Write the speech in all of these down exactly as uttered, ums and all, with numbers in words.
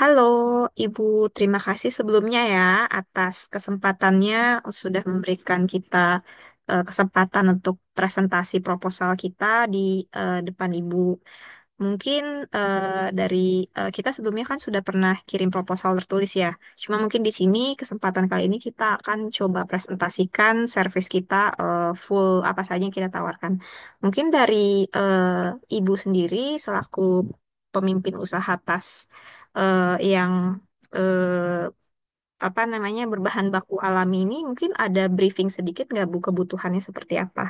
Halo, Ibu. Terima kasih sebelumnya ya atas kesempatannya sudah memberikan kita eh, kesempatan untuk presentasi proposal kita di eh, depan Ibu. Mungkin eh, dari eh, kita sebelumnya kan sudah pernah kirim proposal tertulis ya. Cuma mungkin di sini kesempatan kali ini kita akan coba presentasikan service kita eh, full apa saja yang kita tawarkan. Mungkin dari eh, Ibu sendiri selaku pemimpin usaha tas eh, yang eh, apa namanya berbahan baku alami ini mungkin ada briefing sedikit nggak Bu, kebutuhannya seperti apa?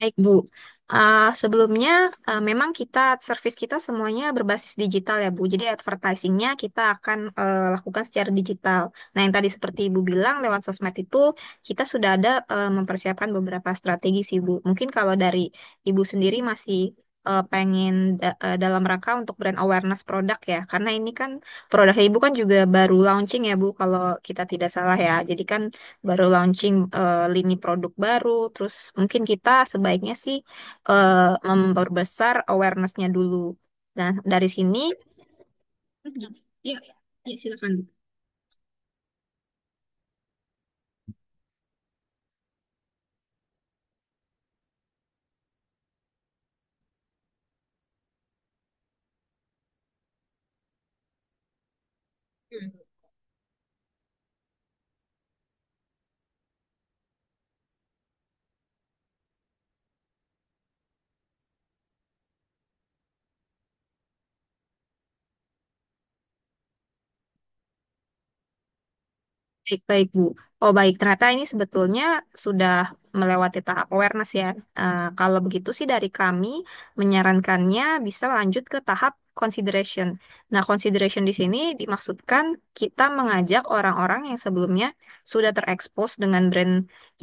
Baik, Bu. Uh, sebelumnya uh, memang kita servis kita semuanya berbasis digital ya, Bu. Jadi advertisingnya kita akan uh, lakukan secara digital. Nah, yang tadi seperti Ibu bilang lewat sosmed itu kita sudah ada uh, mempersiapkan beberapa strategi sih, Bu. Mungkin kalau dari Ibu sendiri masih uh, pengen da- uh, dalam rangka untuk brand awareness produk ya, karena ini kan produk Ibu kan juga baru launching ya, Bu, kalau kita tidak salah ya. Jadi kan baru launching eh, lini produk baru, terus mungkin kita sebaiknya sih eh, memperbesar awarenessnya dulu. Dan dari sini, terus gini. Iya, ya silakan. Baik-baik, Bu. Oh, baik. Ternyata ini sebetulnya sudah melewati tahap awareness ya. Eh, kalau begitu sih dari kami menyarankannya bisa lanjut ke tahap consideration. Nah, consideration di sini dimaksudkan kita mengajak orang-orang yang sebelumnya sudah terekspos dengan brand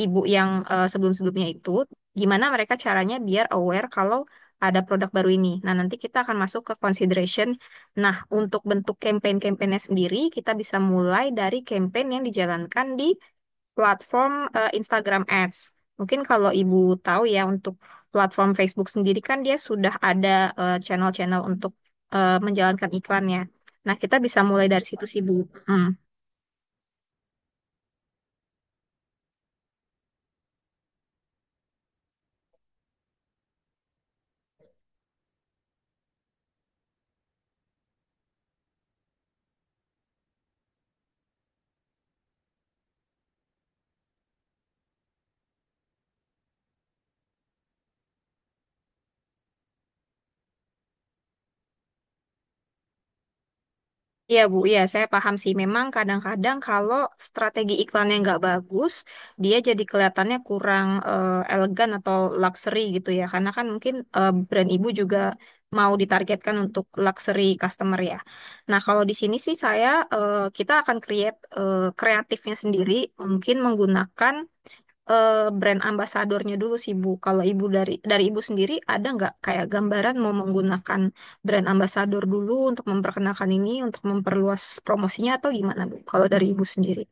ibu yang eh, sebelum-sebelumnya itu, gimana mereka caranya biar aware kalau ada produk baru ini. Nah, nanti kita akan masuk ke consideration. Nah, untuk bentuk campaign-campaignnya sendiri, kita bisa mulai dari campaign yang dijalankan di platform eh, Instagram Ads. Mungkin kalau Ibu tahu ya, untuk platform Facebook sendiri kan dia sudah ada eh, channel-channel untuk eh, menjalankan iklannya. Nah, kita bisa mulai dari situ sih, Bu. Mm. Iya Bu, iya saya paham sih. Memang kadang-kadang kalau strategi iklannya nggak bagus, dia jadi kelihatannya kurang eh, elegan atau luxury gitu ya. Karena kan mungkin eh, brand ibu juga mau ditargetkan untuk luxury customer ya. Nah kalau di sini sih saya eh, kita akan create eh, kreatifnya sendiri, mungkin menggunakan eh, brand ambasadornya dulu sih Bu. Kalau Ibu dari dari Ibu sendiri ada nggak kayak gambaran mau menggunakan brand ambasador dulu untuk memperkenalkan ini, untuk memperluas promosinya atau gimana Bu? Kalau dari Ibu sendiri.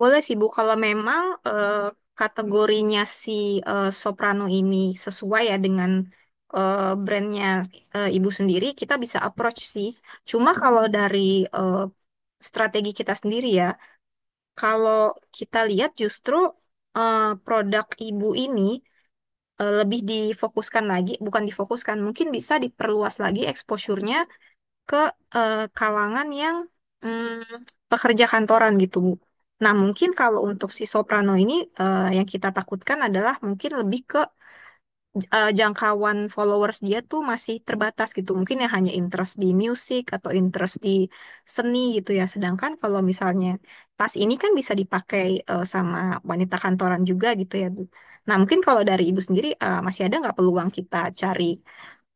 Boleh sih Bu, kalau memang eh, kategorinya si eh, Soprano ini sesuai ya dengan eh, brandnya eh, Ibu sendiri, kita bisa approach sih. Cuma kalau dari eh, strategi kita sendiri ya, kalau kita lihat justru eh, produk ibu ini eh, lebih difokuskan lagi, bukan difokuskan, mungkin bisa diperluas lagi exposure-nya ke eh, kalangan yang mm, pekerja kantoran gitu, Bu. Nah, mungkin kalau untuk si soprano ini eh, yang kita takutkan adalah mungkin lebih ke eh, jangkauan followers dia tuh masih terbatas gitu. Mungkin ya hanya interest di musik atau interest di seni gitu ya. Sedangkan kalau misalnya tas ini kan bisa dipakai eh, sama wanita kantoran juga gitu ya, Bu. Nah, mungkin kalau dari Ibu sendiri eh, masih ada nggak peluang kita cari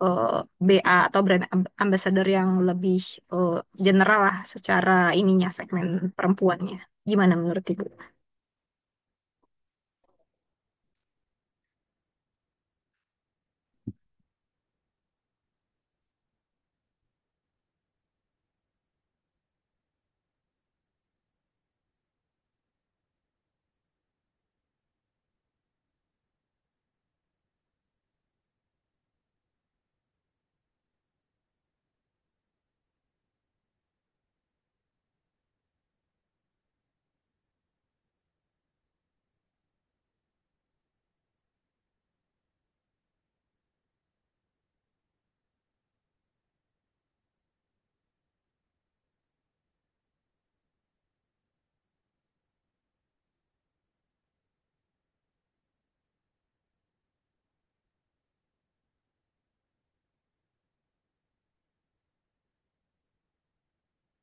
eh, b a atau brand amb- ambassador yang lebih eh, general lah secara ininya segmen perempuannya. Gimana menurut Ibu?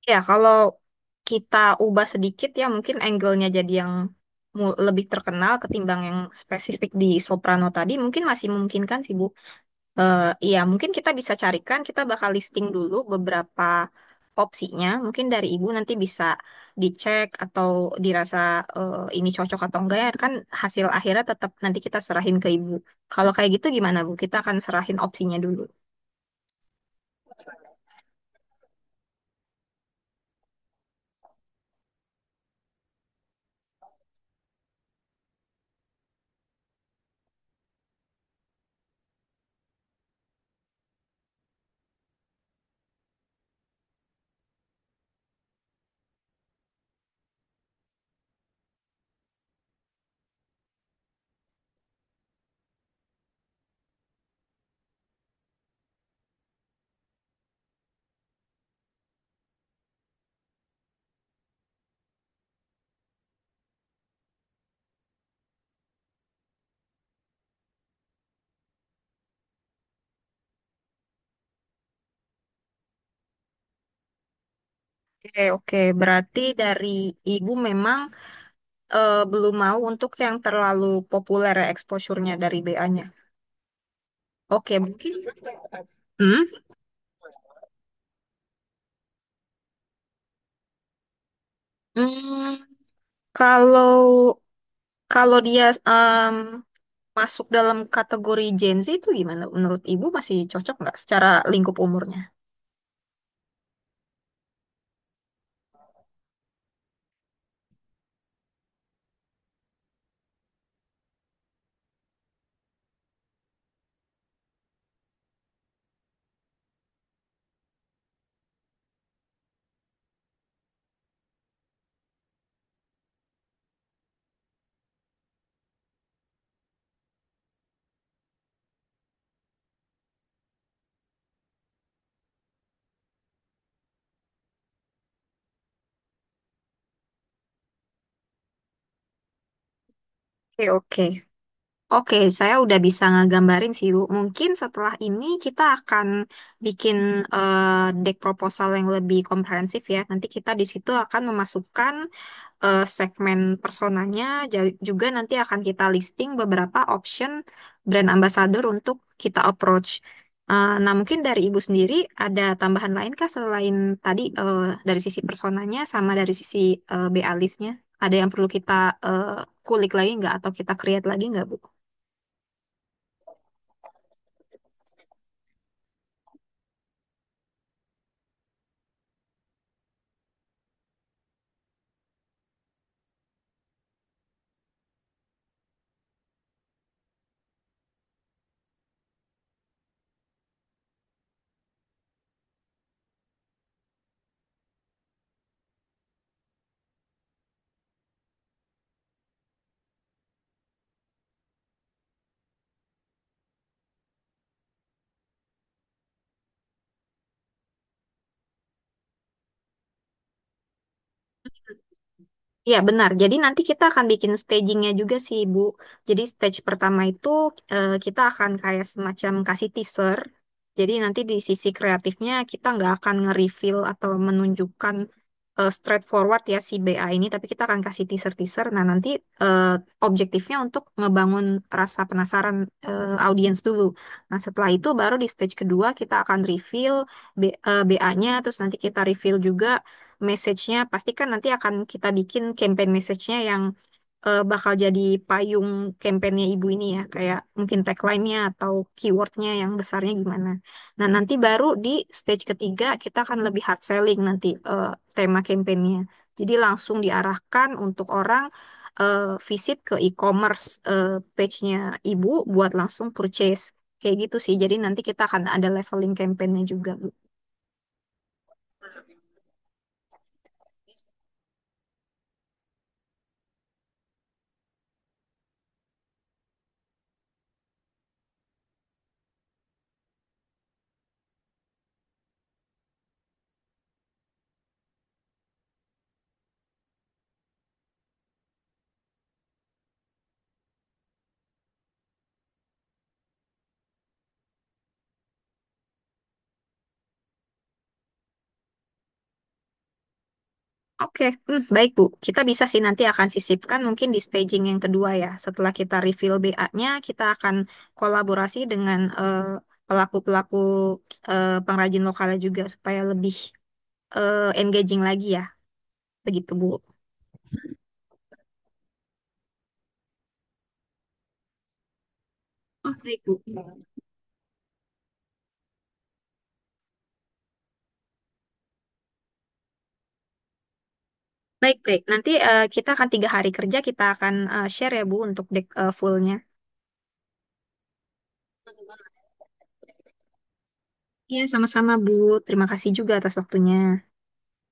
Ya, kalau kita ubah sedikit ya mungkin angle-nya jadi yang mu- lebih terkenal ketimbang yang spesifik di soprano tadi, mungkin masih memungkinkan sih Bu. Eh, iya, mungkin kita bisa carikan, kita bakal listing dulu beberapa opsinya. Mungkin dari Ibu nanti bisa dicek atau dirasa eh, ini cocok atau enggak ya, kan hasil akhirnya tetap nanti kita serahin ke Ibu. Kalau kayak gitu gimana Bu? Kita akan serahin opsinya dulu. Oke, oke. Berarti dari Ibu memang eh, belum mau untuk yang terlalu populer ya exposure-nya dari b a-nya. Oke, mungkin. Hmm? Hmm, kalau kalau dia em, masuk dalam kategori Gen Z itu gimana? Menurut Ibu masih cocok nggak secara lingkup umurnya? Oke, oke. Oke, saya udah bisa ngegambarin sih, Bu. Mungkin setelah ini kita akan bikin eh, deck proposal yang lebih komprehensif ya. Nanti kita di situ akan memasukkan eh, segmen personanya ja- juga nanti akan kita listing beberapa option brand ambassador untuk kita approach. Eh, nah, mungkin dari Ibu sendiri ada tambahan lain kah selain tadi eh, dari sisi personanya sama dari sisi eh, b a listnya? Ada yang perlu kita eh, kulik lagi nggak atau kita create lagi nggak, Bu? Ya, benar. Jadi nanti kita akan bikin stagingnya juga sih, Bu. Jadi stage pertama itu eh, kita akan kayak semacam kasih teaser. Jadi nanti di sisi kreatifnya kita nggak akan nge-reveal atau menunjukkan eh, straightforward ya si b a ini, tapi kita akan kasih teaser-teaser. Nah, nanti eh, objektifnya untuk ngebangun rasa penasaran eh, audiens dulu. Nah, setelah itu baru di stage kedua kita akan reveal B- eh, b a-nya, terus nanti kita reveal juga message-nya pasti kan nanti akan kita bikin campaign message-nya yang eh, bakal jadi payung campaign-nya ibu ini ya, kayak mungkin tagline-nya atau keyword-nya yang besarnya gimana. Nah, nanti baru di stage ketiga kita akan lebih hard selling nanti eh, tema campaign-nya. Jadi langsung diarahkan untuk orang eh, visit ke e-commerce eh, page-nya ibu buat langsung purchase. Kayak gitu sih. Jadi nanti kita akan ada leveling campaign-nya juga. Oke, hmm, baik Bu. Kita bisa sih nanti akan sisipkan mungkin di staging yang kedua ya. Setelah kita reveal b a-nya, kita akan kolaborasi dengan eh, pelaku-pelaku eh, pengrajin lokalnya juga supaya lebih eh, engaging lagi ya. Begitu Bu. Oh, baik Bu. Baik, baik. Nanti eh, kita akan tiga hari kerja, kita akan eh, share ya Bu untuk dek eh, fullnya. Iya, sama-sama Bu. Terima kasih juga atas waktunya.